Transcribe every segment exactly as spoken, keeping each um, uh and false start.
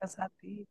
Eu sabia.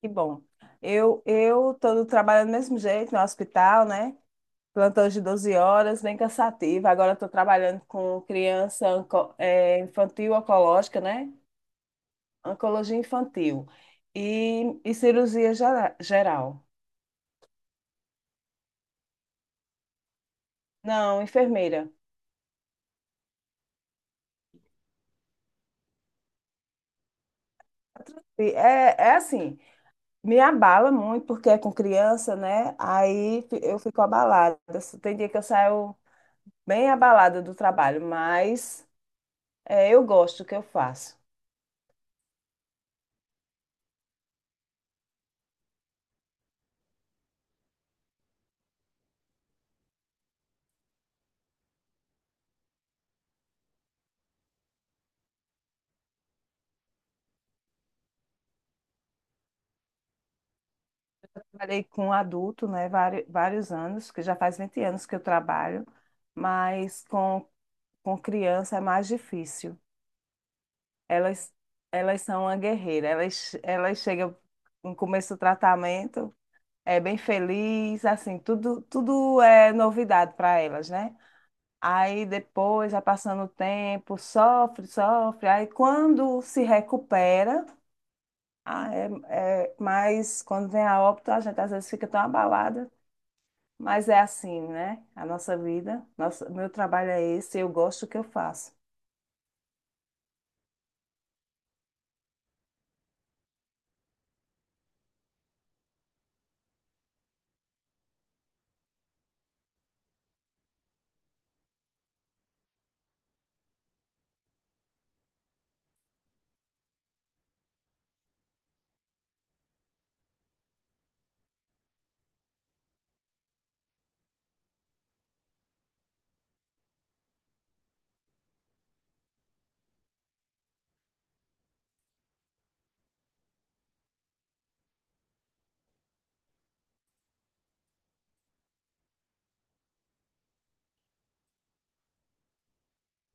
Que bom. Eu eu estou trabalhando do mesmo jeito no hospital, né? Plantão de doze horas, bem cansativo. Agora estou trabalhando com criança onco- eh, infantil oncológica, né? Oncologia infantil e, e cirurgia gera- geral. Não, enfermeira. E É, é assim, me abala muito porque é com criança, né? Aí fi- eu fico abalada. Tem dia que eu saio bem abalada do trabalho, mas eh, eu gosto do que eu faço. Trabalhei com adulto, né, vari- vários anos, que já faz vinte anos que eu trabalho, mas com, com criança é mais difícil. Elas, elas são uma guerreira, elas, elas chegam no começo do tratamento, é bem feliz, assim, tudo, tudo é novidade para elas, né? Aí depois, já passando o tempo, sofre, sofre, aí quando se recupera, ah, é, é, mas quando vem a óbito, a gente às vezes fica tão abalada. Mas é assim, né? A nossa vida, nosso, meu trabalho é esse, eu gosto do que eu faço.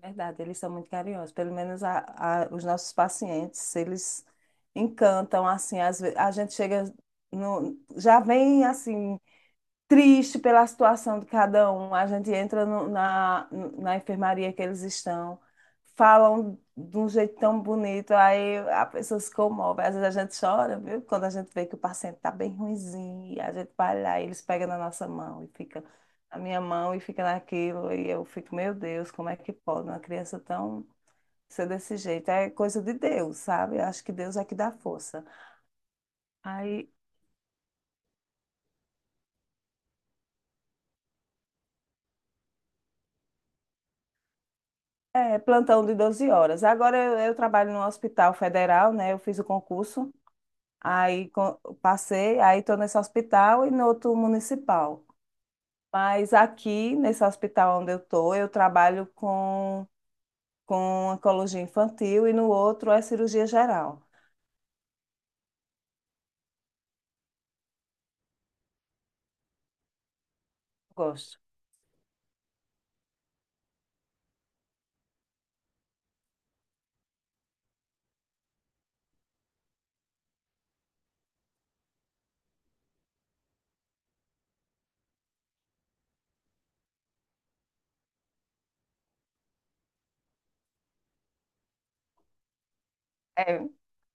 Verdade, eles são muito carinhosos. Pelo menos a- a- os nossos pacientes, eles encantam, assim, às vezes, a gente chega, no, já vem assim, triste pela situação de cada um. A gente entra no- na, na, enfermaria que eles estão, falam de um jeito tão bonito, aí a pessoa se comove. Às vezes a gente chora, viu? Quando a gente vê que o paciente está bem ruinzinho, e a gente vai lá, e eles pegam na nossa mão e fica na minha mão e fica naquilo, e eu fico, meu Deus, como é que pode uma criança tão ser desse jeito? É coisa de Deus, sabe? Eu acho que Deus é que dá força. Aí É, plantão de doze horas. Agora eu, eu trabalho no Hospital Federal, né? Eu fiz o concurso, aí co- passei, aí estou nesse hospital e no outro municipal. Mas aqui, nesse hospital onde eu estou, eu trabalho com, com oncologia infantil e no outro é cirurgia geral. Gosto. É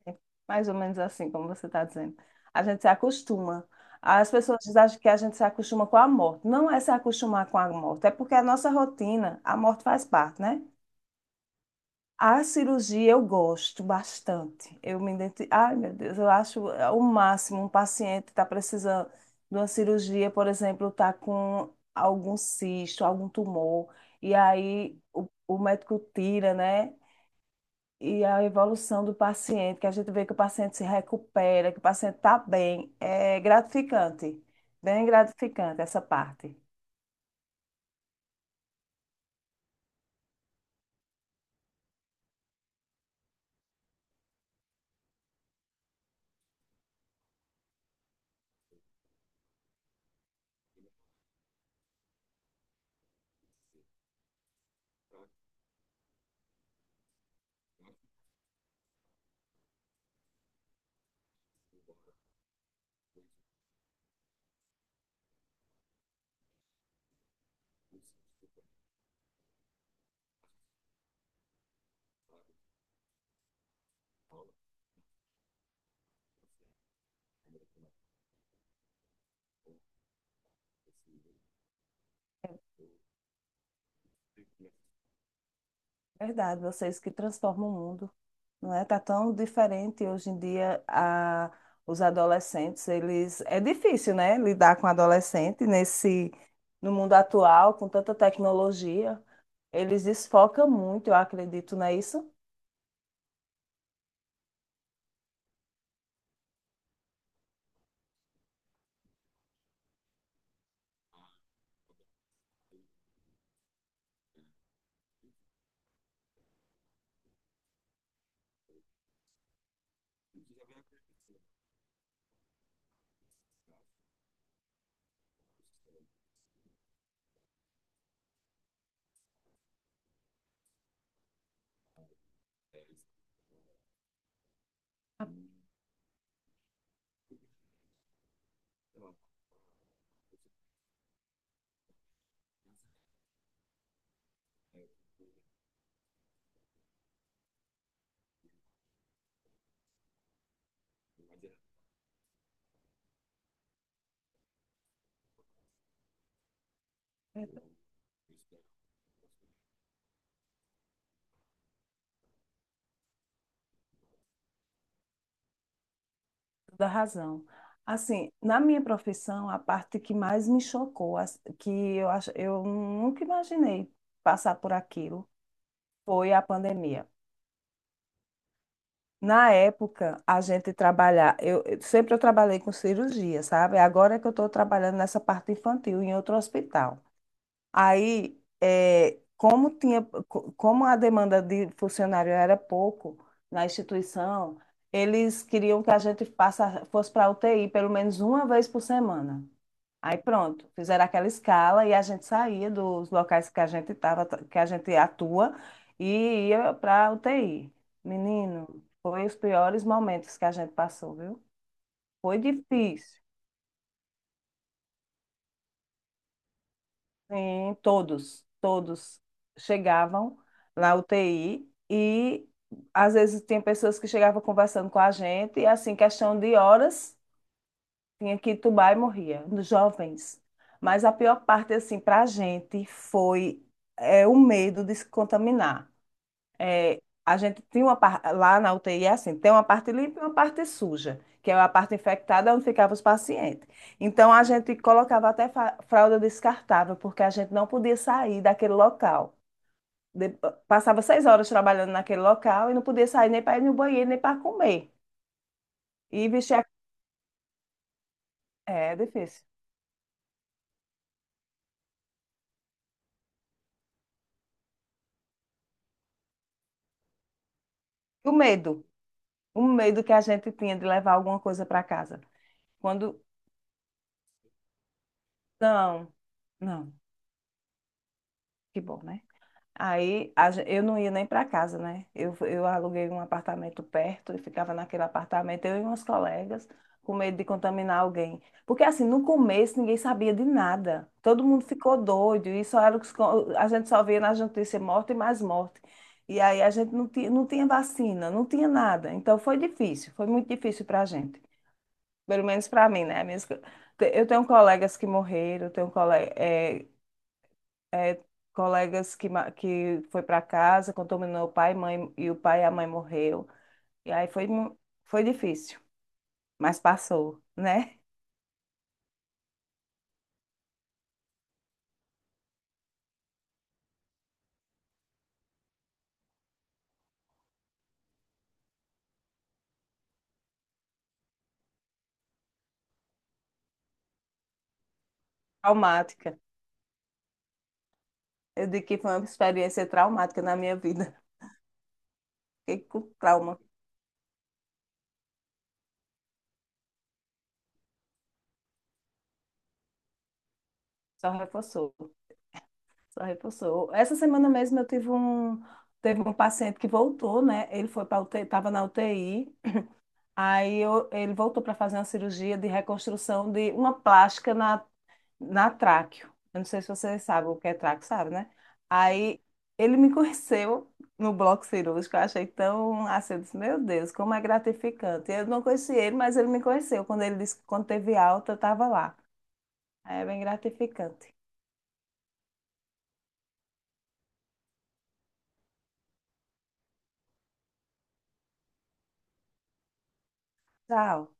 é mais ou menos assim, como você está dizendo. A gente se acostuma. As pessoas acham que a gente se acostuma com a morte. Não é se acostumar com a morte, é porque a nossa rotina, a morte faz parte, né? A cirurgia eu gosto bastante. Eu me identi... Ai, meu Deus, eu acho é, o máximo um paciente está precisando de uma cirurgia, por exemplo, está com algum cisto, algum tumor, e aí o, o médico tira, né? E a evolução do paciente, que a gente vê que o paciente se recupera, que o paciente está bem, é gratificante, bem gratificante essa parte. Verdade, vocês que transformam o mundo, não é? Tá tão diferente hoje em dia a os adolescentes, eles é difícil, né, lidar com adolescente nesse no mundo atual, com tanta tecnologia. Eles desfocam muito, eu acredito, não é isso? É, toda razão. Assim, na minha profissão, a parte que mais me chocou, as- que eu acho, eu nunca imaginei passar por aquilo, foi a pandemia. Na época, a gente trabalhar, eu eu- sempre eu trabalhei com cirurgia, sabe? Agora é que eu estou trabalhando nessa parte infantil em outro hospital. Aí, eh, como tinha, co- como a demanda de funcionário era pouco na instituição, eles queriam que a gente passa, fosse para a U T I pelo menos uma vez por semana. Aí pronto, fizeram aquela escala e a gente saía dos locais que a gente tava, que a gente atua e ia para U T I. Menino, foi os piores momentos que a gente passou, viu? Foi difícil. Sim, todos, todos chegavam na U T I e às vezes tinha pessoas que chegavam conversando com a gente e assim, questão de horas. Tinha que tubar e morria, nos jovens. Mas a pior parte, assim, para a gente foi é, o medo de se contaminar. É, a gente tinha uma parte, lá na U T I, é assim, tem uma parte limpa e uma parte suja, que é a parte infectada onde ficavam os pacientes. Então, a gente colocava até fa- fralda descartável, porque a gente não podia sair daquele local. De- passava seis horas trabalhando naquele local e não podia sair nem para ir no banheiro, nem para comer. E vestir a... É difícil. E o medo, o medo que a gente tinha de levar alguma coisa para casa. Quando. Não, não, que bom, né? Aí a gen- eu não ia nem para casa, né? Eu, eu aluguei um apartamento perto e ficava naquele apartamento, eu e umas colegas, com medo de contaminar alguém. Porque assim, no começo ninguém sabia de nada. Todo mundo ficou doido e só era o que se co- a gente só via nas notícias morte e mais morte. E aí a gente não tinha, não tinha vacina, não tinha nada. Então foi difícil, foi muito difícil para a gente. Pelo menos para mim, né? Minhas co- te- Eu tenho colegas que morreram, tenho cole- eh, colegas que, ma- que foi para casa, contaminou o pai e mãe, e o pai e a mãe morreu. E aí foi, mu- foi difícil, mas passou, né? Traumática. Eu digo que foi uma experiência traumática na minha vida. Fiquei com trauma. Só reforçou, só reforçou. Essa semana mesmo eu tive um, teve um paciente que voltou, né? Ele foi para U T I, estava na U T I. Aí eu- ele voltou para fazer uma cirurgia de reconstrução de uma plástica na, na tráqueo. Eu não sei se você sabe o que é tráqueo, sabe, né? Aí ele me conheceu no bloco cirúrgico. Eu achei tão assim, eu disse, meu Deus, como é gratificante. Eu não conheci ele, mas ele me conheceu. Quando ele disse que quando teve alta, eu estava lá. Aí é bem gratificante. Tchau.